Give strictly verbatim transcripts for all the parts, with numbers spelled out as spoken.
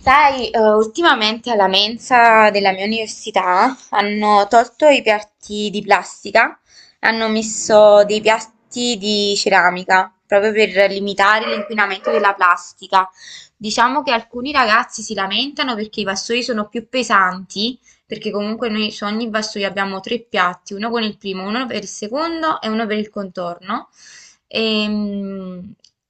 Sai, eh, ultimamente alla mensa della mia università hanno tolto i piatti di plastica, hanno messo dei piatti di ceramica, proprio per limitare l'inquinamento della plastica. Diciamo che alcuni ragazzi si lamentano perché i vassoi sono più pesanti, perché comunque noi su ogni vassoio abbiamo tre piatti, uno con il primo, uno per il secondo e uno per il contorno. E, mm,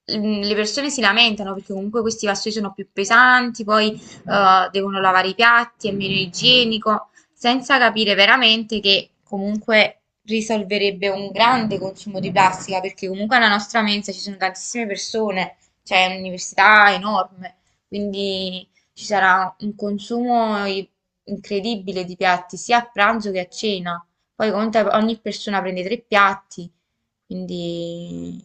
le persone si lamentano perché comunque questi vassoi sono più pesanti, poi eh, devono lavare i piatti, è meno igienico, senza capire veramente che comunque risolverebbe un grande consumo di plastica, perché comunque alla nostra mensa ci sono tantissime persone, c'è un'università enorme, quindi ci sarà un consumo i- incredibile di piatti sia a pranzo che a cena. Poi conta ogni persona prende tre piatti, quindi.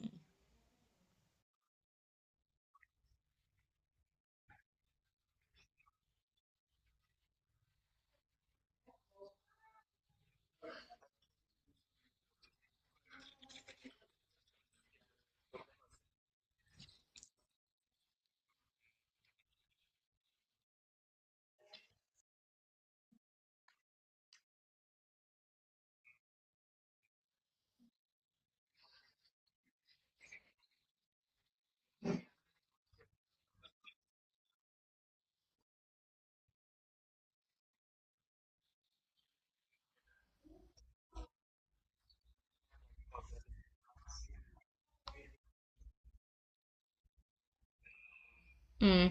mm.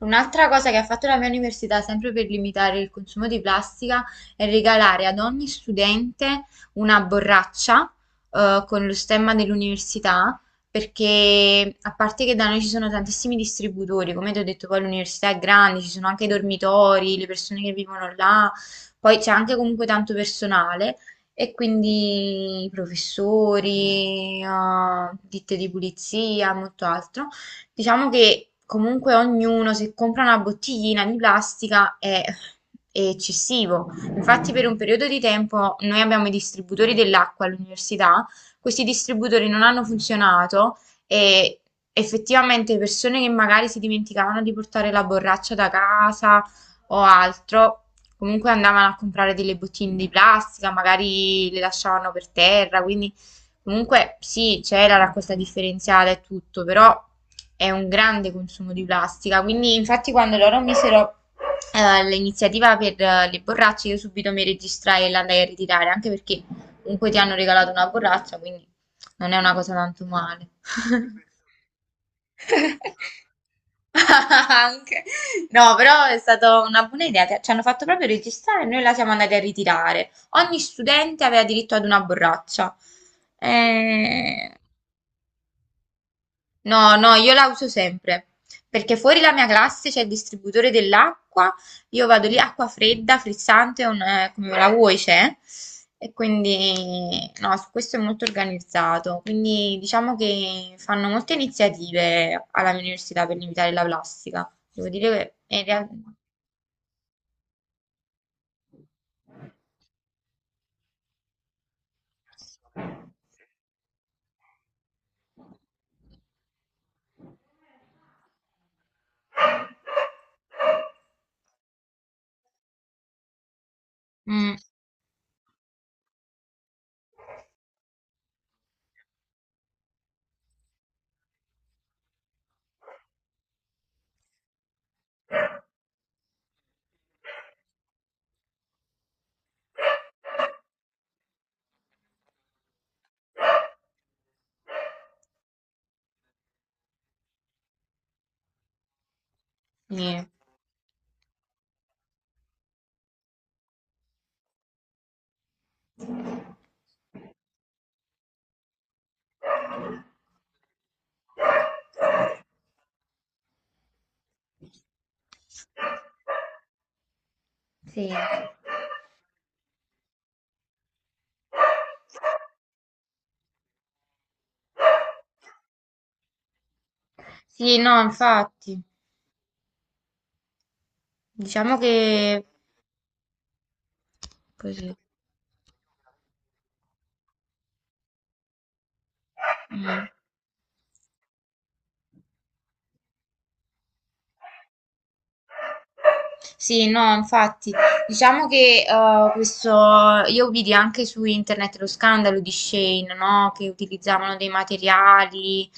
Un'altra cosa che ha fatto la mia università, sempre per limitare il consumo di plastica, è regalare ad ogni studente una borraccia, eh, con lo stemma dell'università, perché a parte che da noi ci sono tantissimi distributori, come ti ho detto, poi l'università è grande, ci sono anche i dormitori, le persone che vivono là, poi c'è anche comunque tanto personale. E quindi i professori, eh, ditte di pulizia, molto altro. Diciamo che comunque ognuno se compra una bottiglina di plastica è, è eccessivo. Infatti per un periodo di tempo noi abbiamo i distributori dell'acqua all'università, questi distributori non hanno funzionato e effettivamente persone che magari si dimenticavano di portare la borraccia da casa o altro, comunque andavano a comprare delle bottiglie di plastica, magari le lasciavano per terra, quindi comunque sì, c'era la raccolta differenziata e tutto, però è un grande consumo di plastica, quindi infatti quando loro misero eh, l'iniziativa per eh, le borracce io subito mi registrai e l'andai a ritirare, anche perché comunque ti hanno regalato una borraccia, quindi non è una cosa tanto male. Anche. No, però è stata una buona idea. Ti- Ci hanno fatto proprio registrare e noi la siamo andati a ritirare. Ogni studente aveva diritto ad una borraccia. Eh, No, no, io la uso sempre perché fuori la mia classe c'è il distributore dell'acqua, io vado lì, acqua fredda, frizzante, un- eh, come la vuoi c'è, e quindi no, su questo è molto organizzato, quindi diciamo che fanno molte iniziative alla mia università per limitare la plastica, devo dire che in realtà. Mm, sì. Sì. Sì, no, infatti, diciamo che così. Mm. Sì, no, infatti, diciamo che eh, questo, io vidi anche su internet lo scandalo di Shane, no? Che utilizzavano dei materiali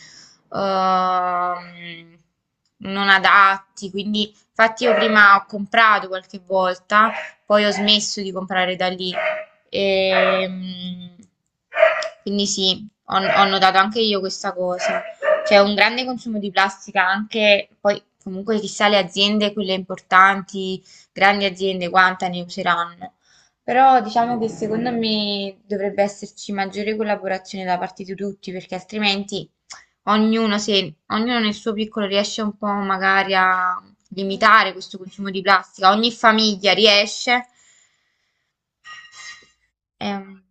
ehm, non adatti, quindi infatti io prima ho comprato qualche volta, poi ho smesso di comprare da lì. Ehm, quindi sì, ho ho notato anche io questa cosa. C'è un grande consumo di plastica anche, poi comunque chissà le aziende, quelle importanti, grandi aziende, quanta ne useranno. Però diciamo che secondo me dovrebbe esserci maggiore collaborazione da parte di tutti, perché altrimenti ognuno, se ognuno nel suo piccolo riesce un po' magari a limitare questo consumo di plastica, ogni famiglia riesce. ehm,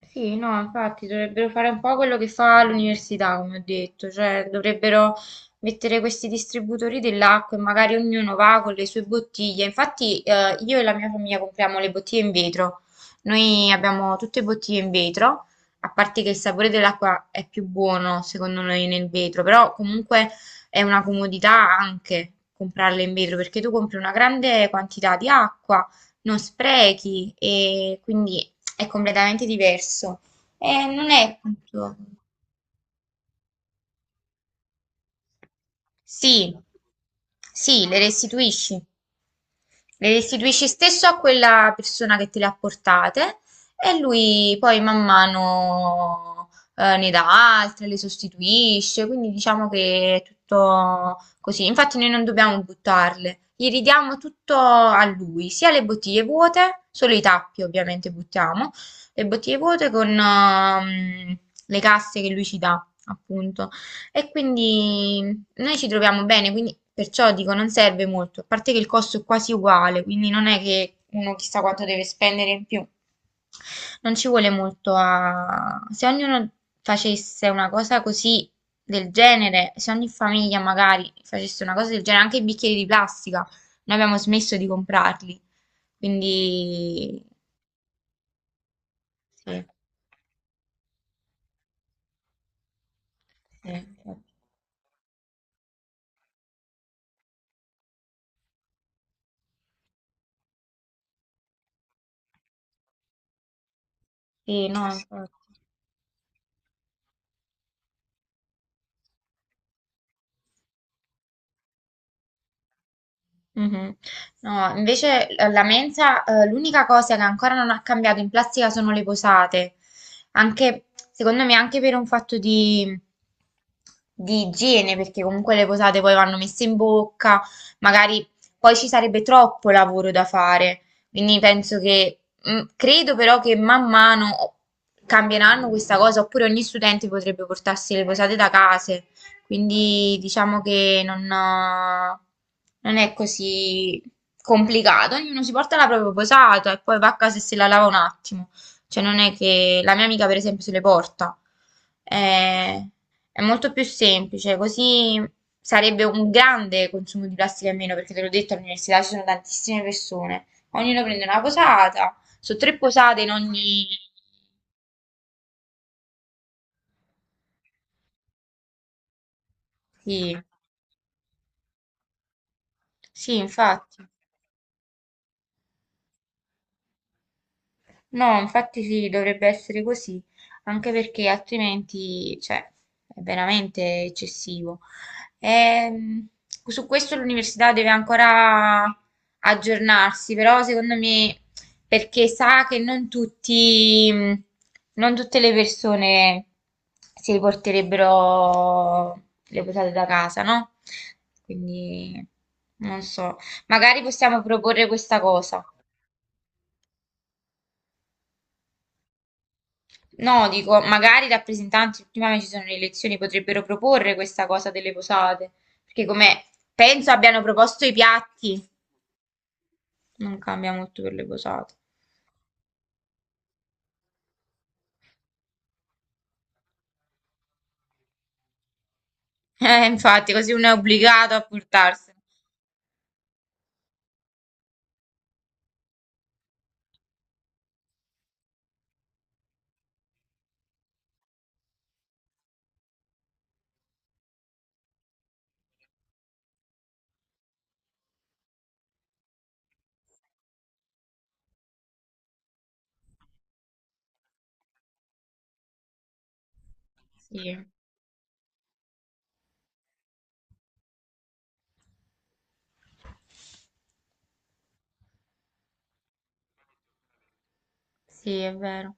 Sì, no, infatti dovrebbero fare un po' quello che fa l'università, come ho detto, cioè dovrebbero mettere questi distributori dell'acqua e magari ognuno va con le sue bottiglie. Infatti, eh, io e la mia famiglia compriamo le bottiglie in vetro. Noi abbiamo tutte bottiglie in vetro, a parte che il sapore dell'acqua è più buono, secondo noi, nel vetro, però comunque è una comodità anche comprarle in vetro, perché tu compri una grande quantità di acqua non sprechi e quindi è completamente diverso. E non è appunto. Sì, sì, le restituisci. Le restituisci stesso a quella persona che te le ha portate e lui poi man mano eh, ne dà altre, le sostituisce, quindi diciamo che è tutto così. Infatti noi non dobbiamo buttarle, gli ridiamo tutto a lui, sia le bottiglie vuote, solo i tappi ovviamente buttiamo, le bottiglie vuote con ehm, le casse che lui ci dà, appunto. E quindi noi ci troviamo bene, quindi perciò dico non serve molto, a parte che il costo è quasi uguale, quindi non è che uno chissà quanto deve spendere in più. Non ci vuole molto a. Se ognuno facesse una cosa così del genere, se ogni famiglia magari facesse una cosa del genere, anche i bicchieri di plastica, noi abbiamo smesso di comprarli. Quindi. Eh, infatti. Sì, no, infatti. Mhm. No, invece eh, la mensa, eh, l'unica cosa che ancora non ha cambiato in plastica sono le posate. Anche, secondo me, anche per un fatto di, di igiene, perché comunque le posate poi vanno messe in bocca, magari poi ci sarebbe troppo lavoro da fare. Quindi penso che, mm, credo però che man mano cambieranno questa cosa, oppure ogni studente potrebbe portarsi le posate da casa. Quindi diciamo che non, non è così complicato. Ognuno si porta la propria posata e poi va a casa e se la lava un attimo. Cioè non è che la mia amica per esempio se le porta. È, è molto più semplice, così sarebbe un grande consumo di plastica in meno perché te l'ho detto all'università ci sono tantissime persone. Ognuno prende una posata, sono tre posate in ogni. Sì, sì, infatti. No, infatti sì, dovrebbe essere così, anche perché altrimenti, cioè, è veramente eccessivo. Ehm, Su questo l'università deve ancora aggiornarsi, però secondo me, perché sa che non tutti, mh, non tutte le persone si porterebbero le posate da casa, no? Quindi, non so, magari possiamo proporre questa cosa. No, dico, magari i rappresentanti, prima che ci sono le elezioni, potrebbero proporre questa cosa delle posate, perché come penso abbiano proposto i piatti, non cambia molto per le posate. Eh, infatti, così uno è obbligato a portarsene. Sì, sì, è vero.